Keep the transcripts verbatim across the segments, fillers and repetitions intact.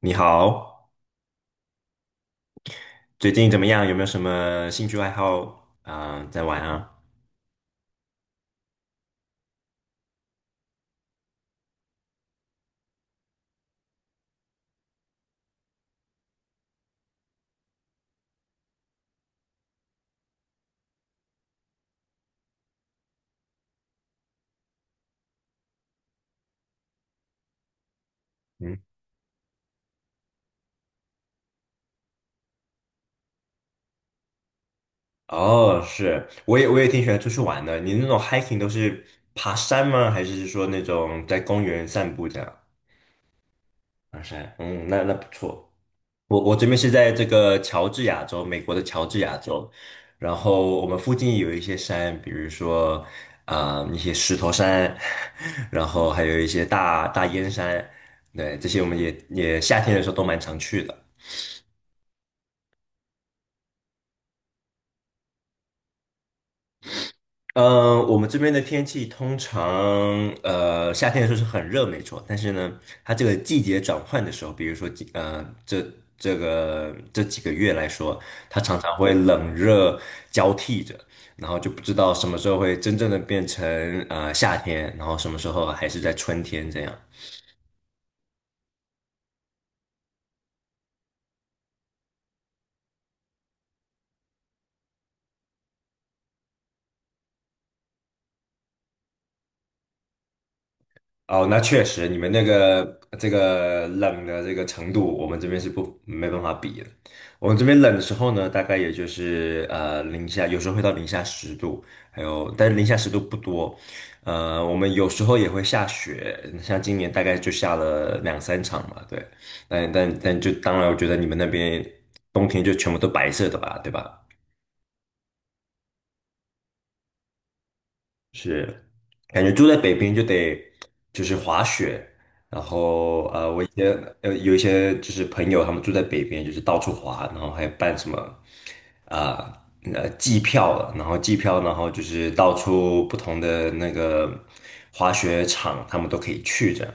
你好，最近怎么样？有没有什么兴趣爱好啊、在玩啊？嗯，哦，是，我也我也挺喜欢出去玩的。你那种 hiking 都是爬山吗？还是说那种在公园散步这样？爬山，嗯，那那不错。我我这边是在这个乔治亚州，美国的乔治亚州，然后我们附近有一些山，比如说啊、一些石头山，然后还有一些大大烟山，对，这些我们也也夏天的时候都蛮常去的。嗯，我们这边的天气通常，呃，夏天的时候是很热，没错。但是呢，它这个季节转换的时候，比如说几，呃，这这个这几个月来说，它常常会冷热交替着，然后就不知道什么时候会真正的变成呃夏天，然后什么时候还是在春天这样。哦，那确实，你们那个这个冷的这个程度，我们这边是不没办法比的。我们这边冷的时候呢，大概也就是呃零下，有时候会到零下十度，还有但是零下十度不多。呃，我们有时候也会下雪，像今年大概就下了两三场嘛，对。但但但就当然，我觉得你们那边冬天就全部都白色的吧，对吧？是，感觉住在北冰就得就是滑雪，然后呃，我一些呃有一些就是朋友他们住在北边，就是到处滑，然后还办什么啊呃呃季票了，然后季票，然后就是到处不同的那个滑雪场，他们都可以去这样。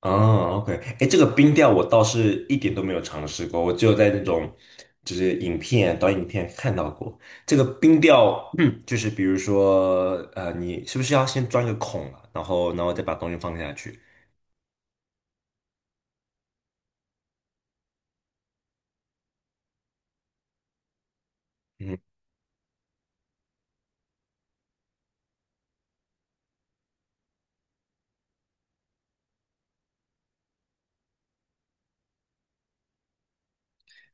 哦，OK，哎，这个冰钓我倒是一点都没有尝试过，我只有在那种就是影片、短影片看到过这个冰钓，嗯，就是比如说，呃，你是不是要先钻个孔啊，然后，然后再把东西放下去？嗯，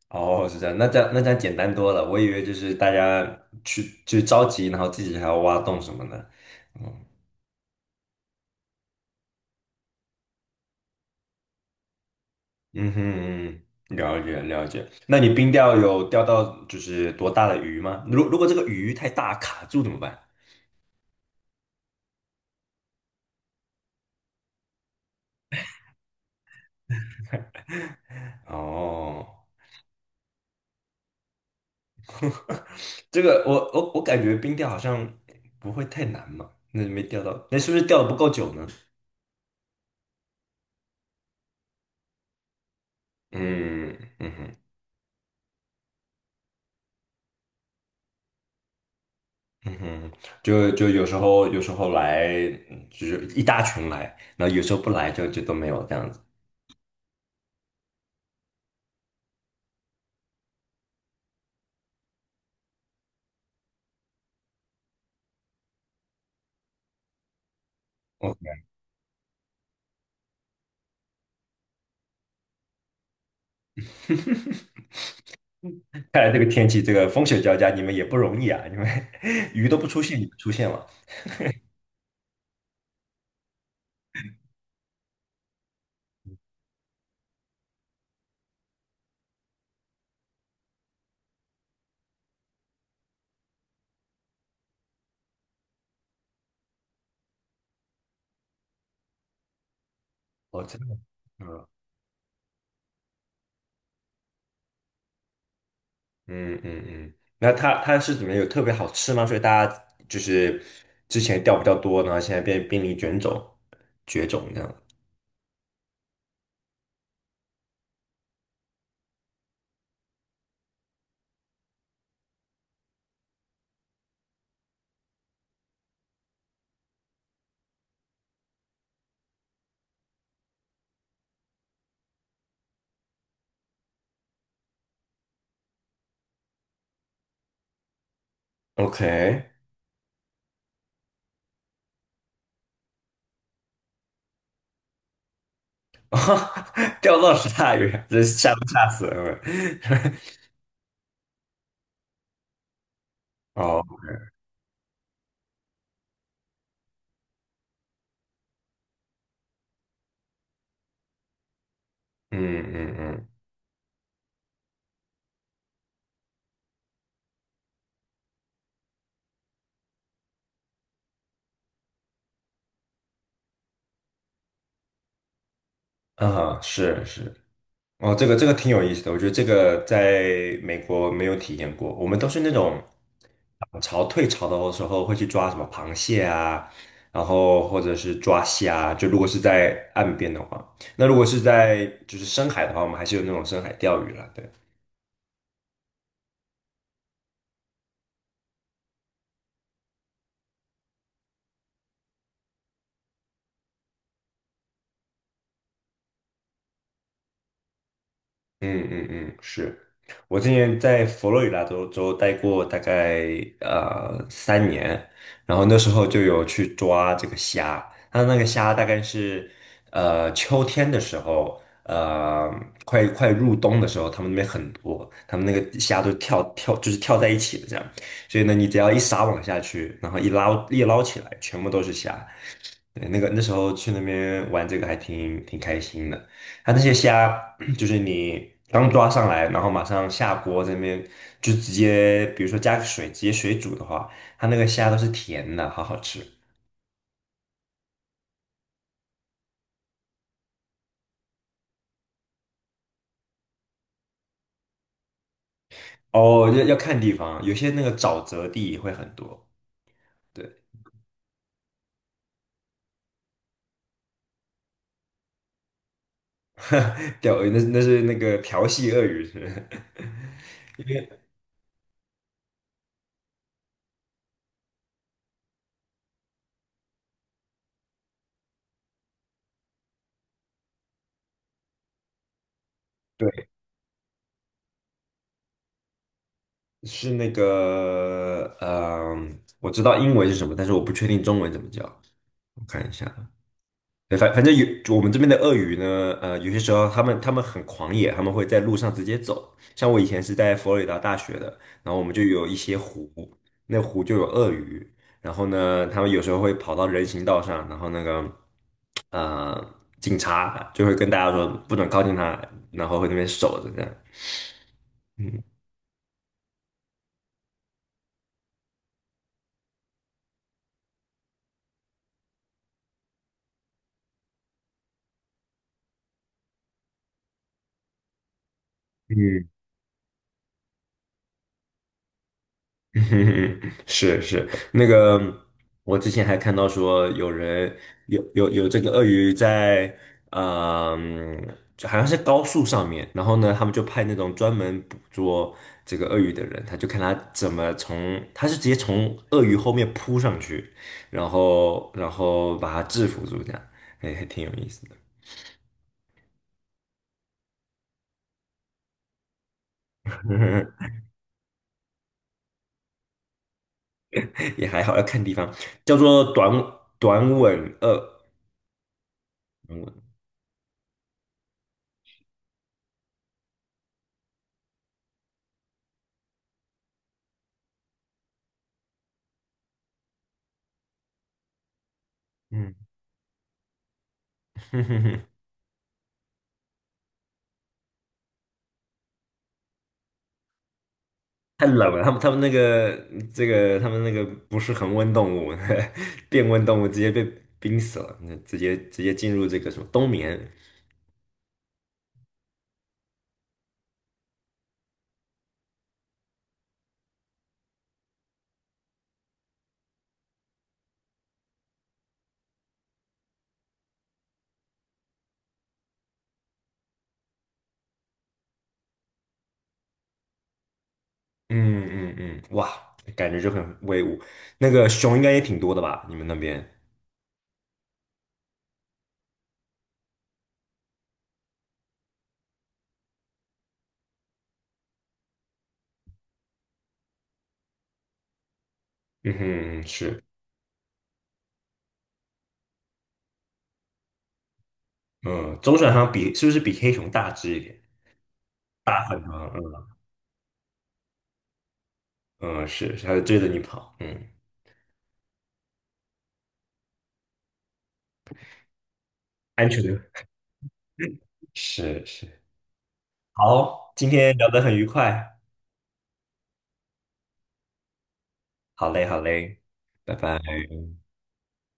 哦，是这样，那这样那这样简单多了，我以为就是大家去就着急，然后自己还要挖洞什么的。嗯嗯哼，嗯了解了解。那你冰钓有钓到就是多大的鱼吗？如如果这个鱼太大卡住怎么办？哦，这个我我我感觉冰钓好像不会太难嘛，那没钓到，那是不是钓的不够久呢？嗯嗯哼嗯哼，就就有时候有时候来，嗯就是一大群来，然后有时候不来就就都没有这样子。OK，看来这个天气，这个风雪交加，你们也不容易啊，你们 鱼都不出现，你们出现了。哦，真的，嗯。嗯嗯嗯，那它它是怎么有特别好吃吗？所以大家就是之前掉比较多，然后现在变濒临绝种，绝种这样。OK，钓到十大鱼，这吓都吓死了。哦，嗯嗯嗯，啊，是是，哦，这个这个挺有意思的，我觉得这个在美国没有体验过。我们都是那种涨潮退潮的时候会去抓什么螃蟹啊，然后或者是抓虾啊。就如果是在岸边的话，那如果是在就是深海的话，我们还是有那种深海钓鱼了。对。嗯嗯嗯，是我之前在佛罗里达州州待过大概呃三年，然后那时候就有去抓这个虾，它那个虾大概是呃秋天的时候，呃快快入冬的时候，他们那边很多，他们那个虾都跳跳就是跳在一起的这样，所以呢，你只要一撒网下去，然后一捞一捞起来，全部都是虾，对，那个那时候去那边玩这个还挺挺开心的。它那些虾，就是你刚抓上来，然后马上下锅这边就直接，比如说加个水，直接水煮的话，它那个虾都是甜的，好好吃。哦，要要看地方，有些那个沼泽地也会很多。对，钓鱼那是那是那个调戏鳄鱼是不是，因为对是那个嗯、呃我知道英文是什么，但是我不确定中文怎么叫，我看一下。对，反反正有我们这边的鳄鱼呢，呃，有些时候他们他们很狂野，他们会在路上直接走。像我以前是在佛罗里达大学的，然后我们就有一些湖，那湖就有鳄鱼，然后呢，他们有时候会跑到人行道上，然后那个呃警察就会跟大家说不准靠近它，然后会那边守着这样。嗯 嗯是是，那个我之前还看到说有人有有有这个鳄鱼在，嗯，就好像是高速上面，然后呢，他们就派那种专门捕捉这个鳄鱼的人，他就看他怎么从，他是直接从鳄鱼后面扑上去，然后然后把它制服住，这样，还还挺有意思的，也还好，要看地方，叫做短短吻鳄，短吻，嗯。太冷了，他们他们那个这个他们那个不是恒温动物，变温动物直接被冰死了，那直接直接进入这个什么冬眠。嗯嗯嗯，哇，感觉就很威武。那个熊应该也挺多的吧？你们那边？嗯哼，嗯是，嗯，棕熊好像比是不是比黑熊大只一点？大很多，嗯嗯，是，它就追着你跑，嗯，安全的，是是。好，今天聊得很愉快，好嘞好嘞，拜拜。